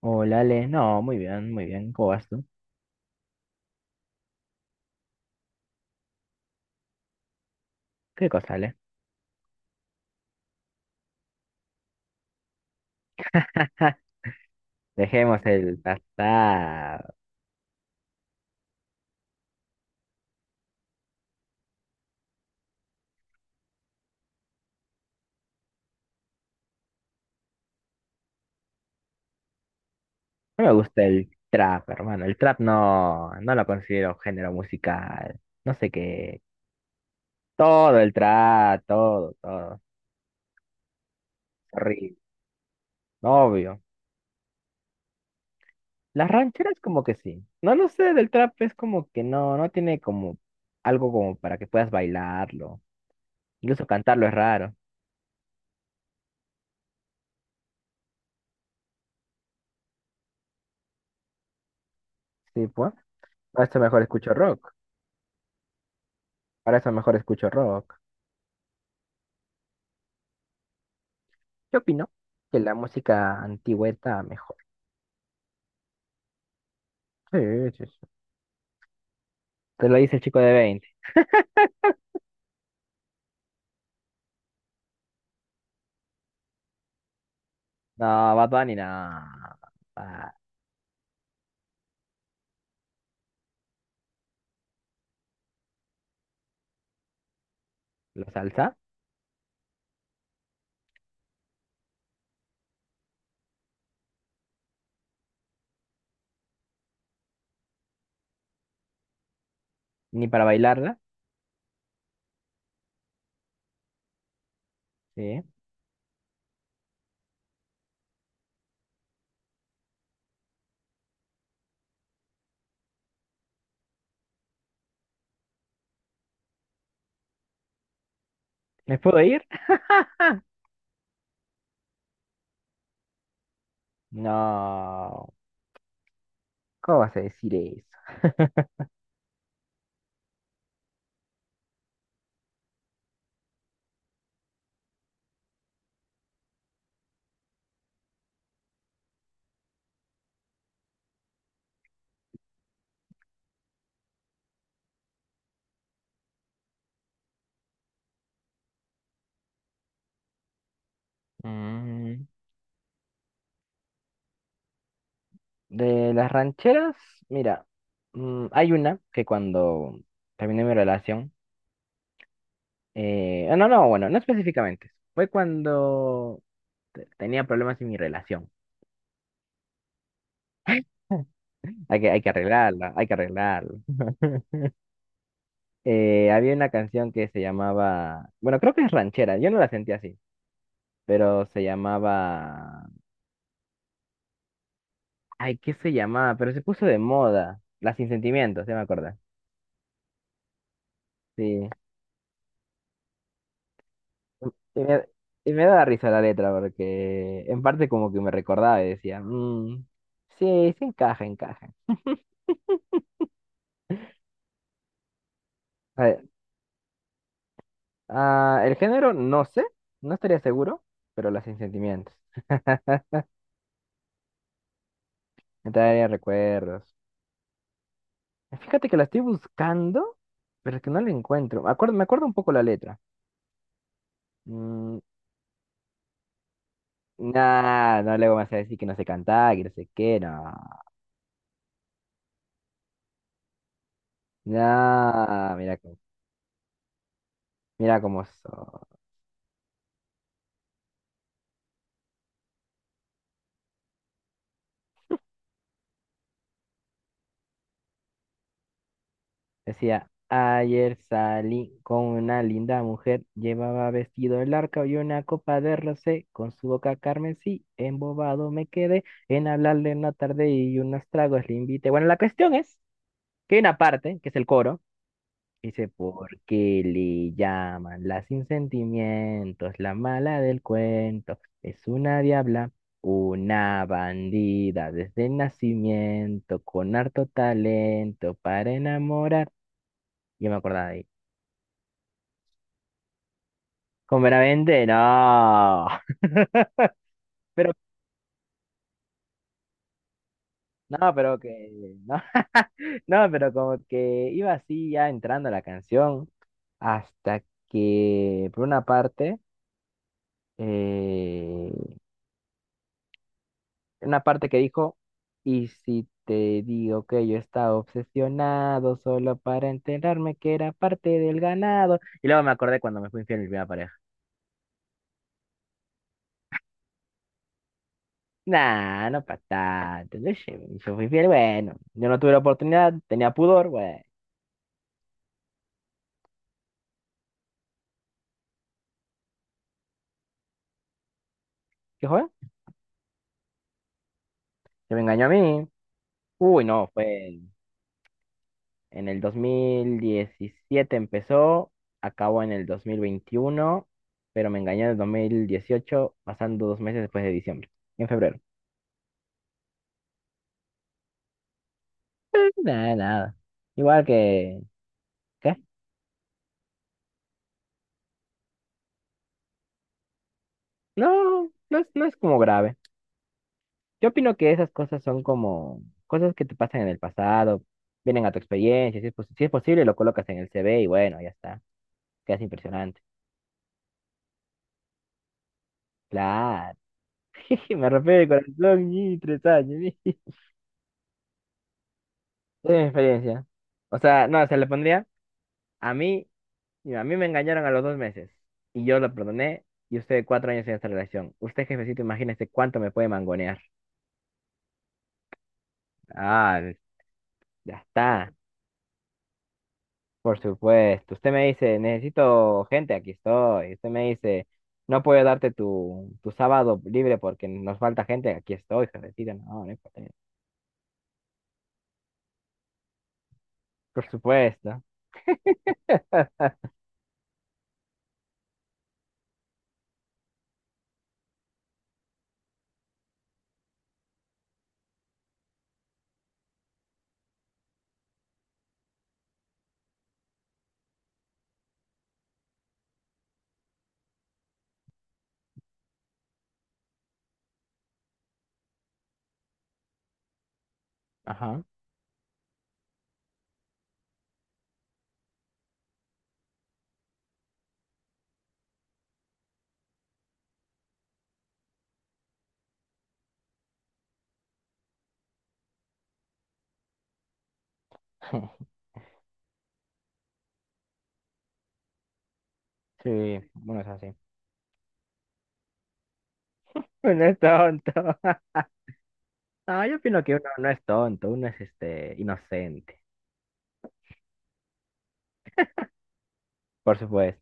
Hola, Ale. No, muy bien, muy bien. ¿Cómo vas tú? ¿Qué cosa, Ale? Dejemos el pasado. No me gusta el trap, hermano. El trap no, no lo considero género musical. No sé qué. Todo el trap, todo, todo. Horrible. Obvio. Las rancheras como que sí. No, no sé, del trap es como que no, no tiene como algo como para que puedas bailarlo. Incluso cantarlo es raro. Sí, pues. Para eso mejor escucho rock. Para eso mejor escucho rock. Yo opino que la música antigua está mejor. Sí, sí, sí. Te lo dice el chico de 20. No, Bad Bunny, no. Ah, la salsa, ni para bailarla. Sí. ¿Me puedo ir? No. ¿Cómo vas a decir eso? Mm, De las rancheras, mira, hay una que cuando terminé mi relación, no, no, bueno, no específicamente, fue cuando tenía problemas en mi relación. Hay que arreglarla, hay que arreglarla. Había una canción que se llamaba, bueno, creo que es ranchera, yo no la sentía así, pero se llamaba, ay, ¿qué se llamaba? Pero se puso de moda, La Sin Sentimientos, se me acuerda. Sí. Y me, y me daba risa la letra porque en parte como que me recordaba y decía, "Mm, sí, sí encaja, encaja." A ver, el género no sé, no estaría seguro, pero las Sin Sentimientos. Me traería recuerdos. Fíjate que la estoy buscando, pero es que no la encuentro. Me acuerdo un poco la letra. Mm, nah, no le me vas a decir que no sé cantar, que no sé qué, no. Nah, mira, mira cómo soy. Decía, ayer salí con una linda mujer, llevaba vestido largo y una copa de rosé, con su boca carmesí, embobado me quedé, en hablarle una tarde y unos tragos le invité. Bueno, la cuestión es que hay una parte, que es el coro. Dice, ¿por qué le llaman la sin sentimientos, la mala del cuento? Es una diabla, una bandida desde el nacimiento, con harto talento para enamorar. Yo me acordaba de ahí. Con Benavente, no. Pero, no, pero que, no. No, pero como que iba así ya entrando la canción hasta que por eh, una parte que dijo, y si te digo que yo estaba obsesionado solo para enterarme que era parte del ganado. Y luego me acordé cuando me fui infiel a mi primera pareja. Nah, no pa' tanto. Yo, sé, yo fui fiel bueno. Yo no tuve la oportunidad, tenía pudor, bueno. ¿Qué fue? Se me engañó a mí. Uy, no, fue en el 2017 empezó, acabó en el 2021, pero me engañó en el 2018 pasando 2 meses después de diciembre, en febrero. Nada, nada. Igual que... ¿Qué? No, no es como grave. Yo opino que esas cosas son como cosas que te pasan en el pasado, vienen a tu experiencia, si es, si es posible lo colocas en el CV y bueno, ya está. Quedas impresionante. Claro. Me rompió el corazón y 3 años. Es mi experiencia. O sea, no, se le pondría a mí, mira, a mí me engañaron a los 2 meses y yo lo perdoné y usted 4 años en esta relación. Usted, jefecito, imagínese cuánto me puede mangonear. Ah, ya está. Por supuesto, usted me dice, necesito gente, aquí estoy. Usted me dice, no puedo darte tu sábado libre porque nos falta gente, aquí estoy, jefecita. No, no importa. Por supuesto. Ajá. Sí, bueno, es así. Uno es tonto. No, yo opino que uno no es tonto, uno es este inocente. Por supuesto.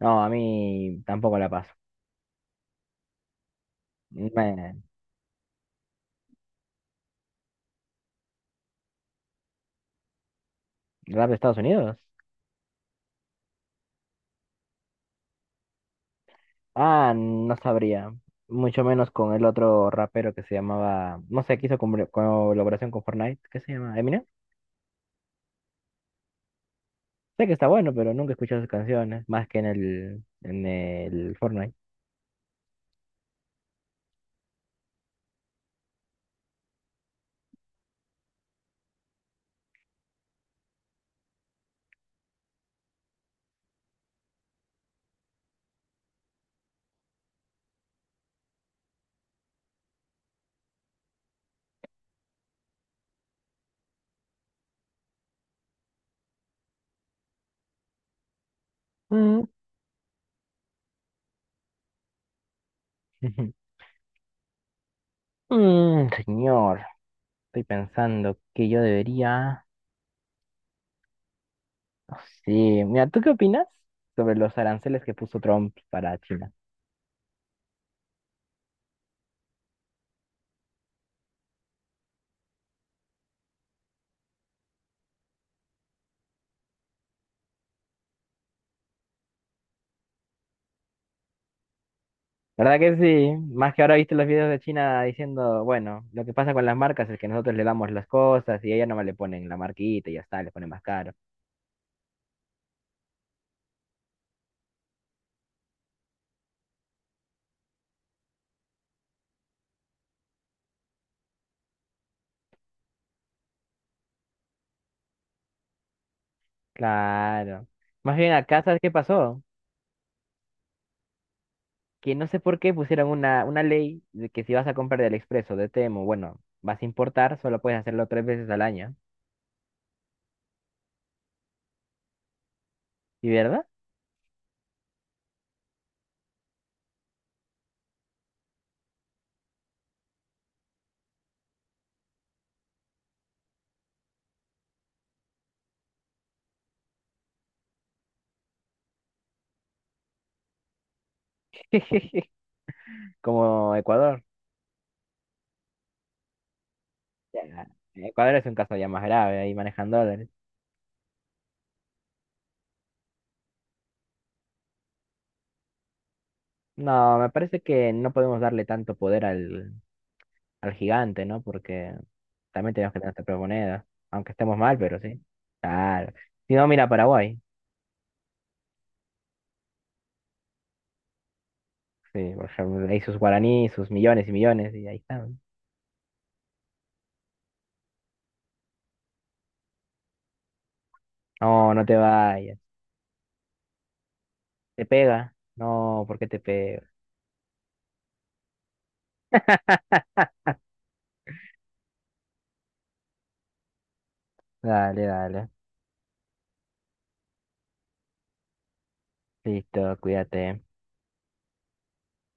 No, a mí tampoco la paso. Me... ¿Rap de Estados Unidos? Ah, no sabría. Mucho menos con el otro rapero que se llamaba, no sé, que hizo colaboración con Fortnite, ¿qué se llama? Eminem. Sé que está bueno, pero nunca he escuchado sus canciones, más que en en el Fortnite. Mm. Señor, estoy pensando que yo debería... no sé, mira, ¿tú qué opinas sobre los aranceles que puso Trump para China? ¿Verdad que sí? Más que ahora viste los videos de China diciendo, bueno, lo que pasa con las marcas es que nosotros le damos las cosas y a ella nomás le ponen la marquita y ya está, le ponen más caro. Claro. Más bien acá, ¿sabes qué pasó? Que no sé por qué pusieron una ley de que si vas a comprar de AliExpress o de Temu, bueno, vas a importar, solo puedes hacerlo 3 veces al año. ¿Y verdad? Como Ecuador. Ya, Ecuador es un caso ya más grave, ahí manejan dólares. No, me parece que no podemos darle tanto poder al gigante, ¿no? Porque también tenemos que tener nuestra propia, aunque estemos mal, pero sí. Claro. Si no, mira Paraguay. Sí, por ejemplo, ahí sus guaraníes, sus millones y millones, y ahí están. No, no te vayas. ¿Te pega? No, ¿por qué te pega? Dale, dale. Listo, cuídate.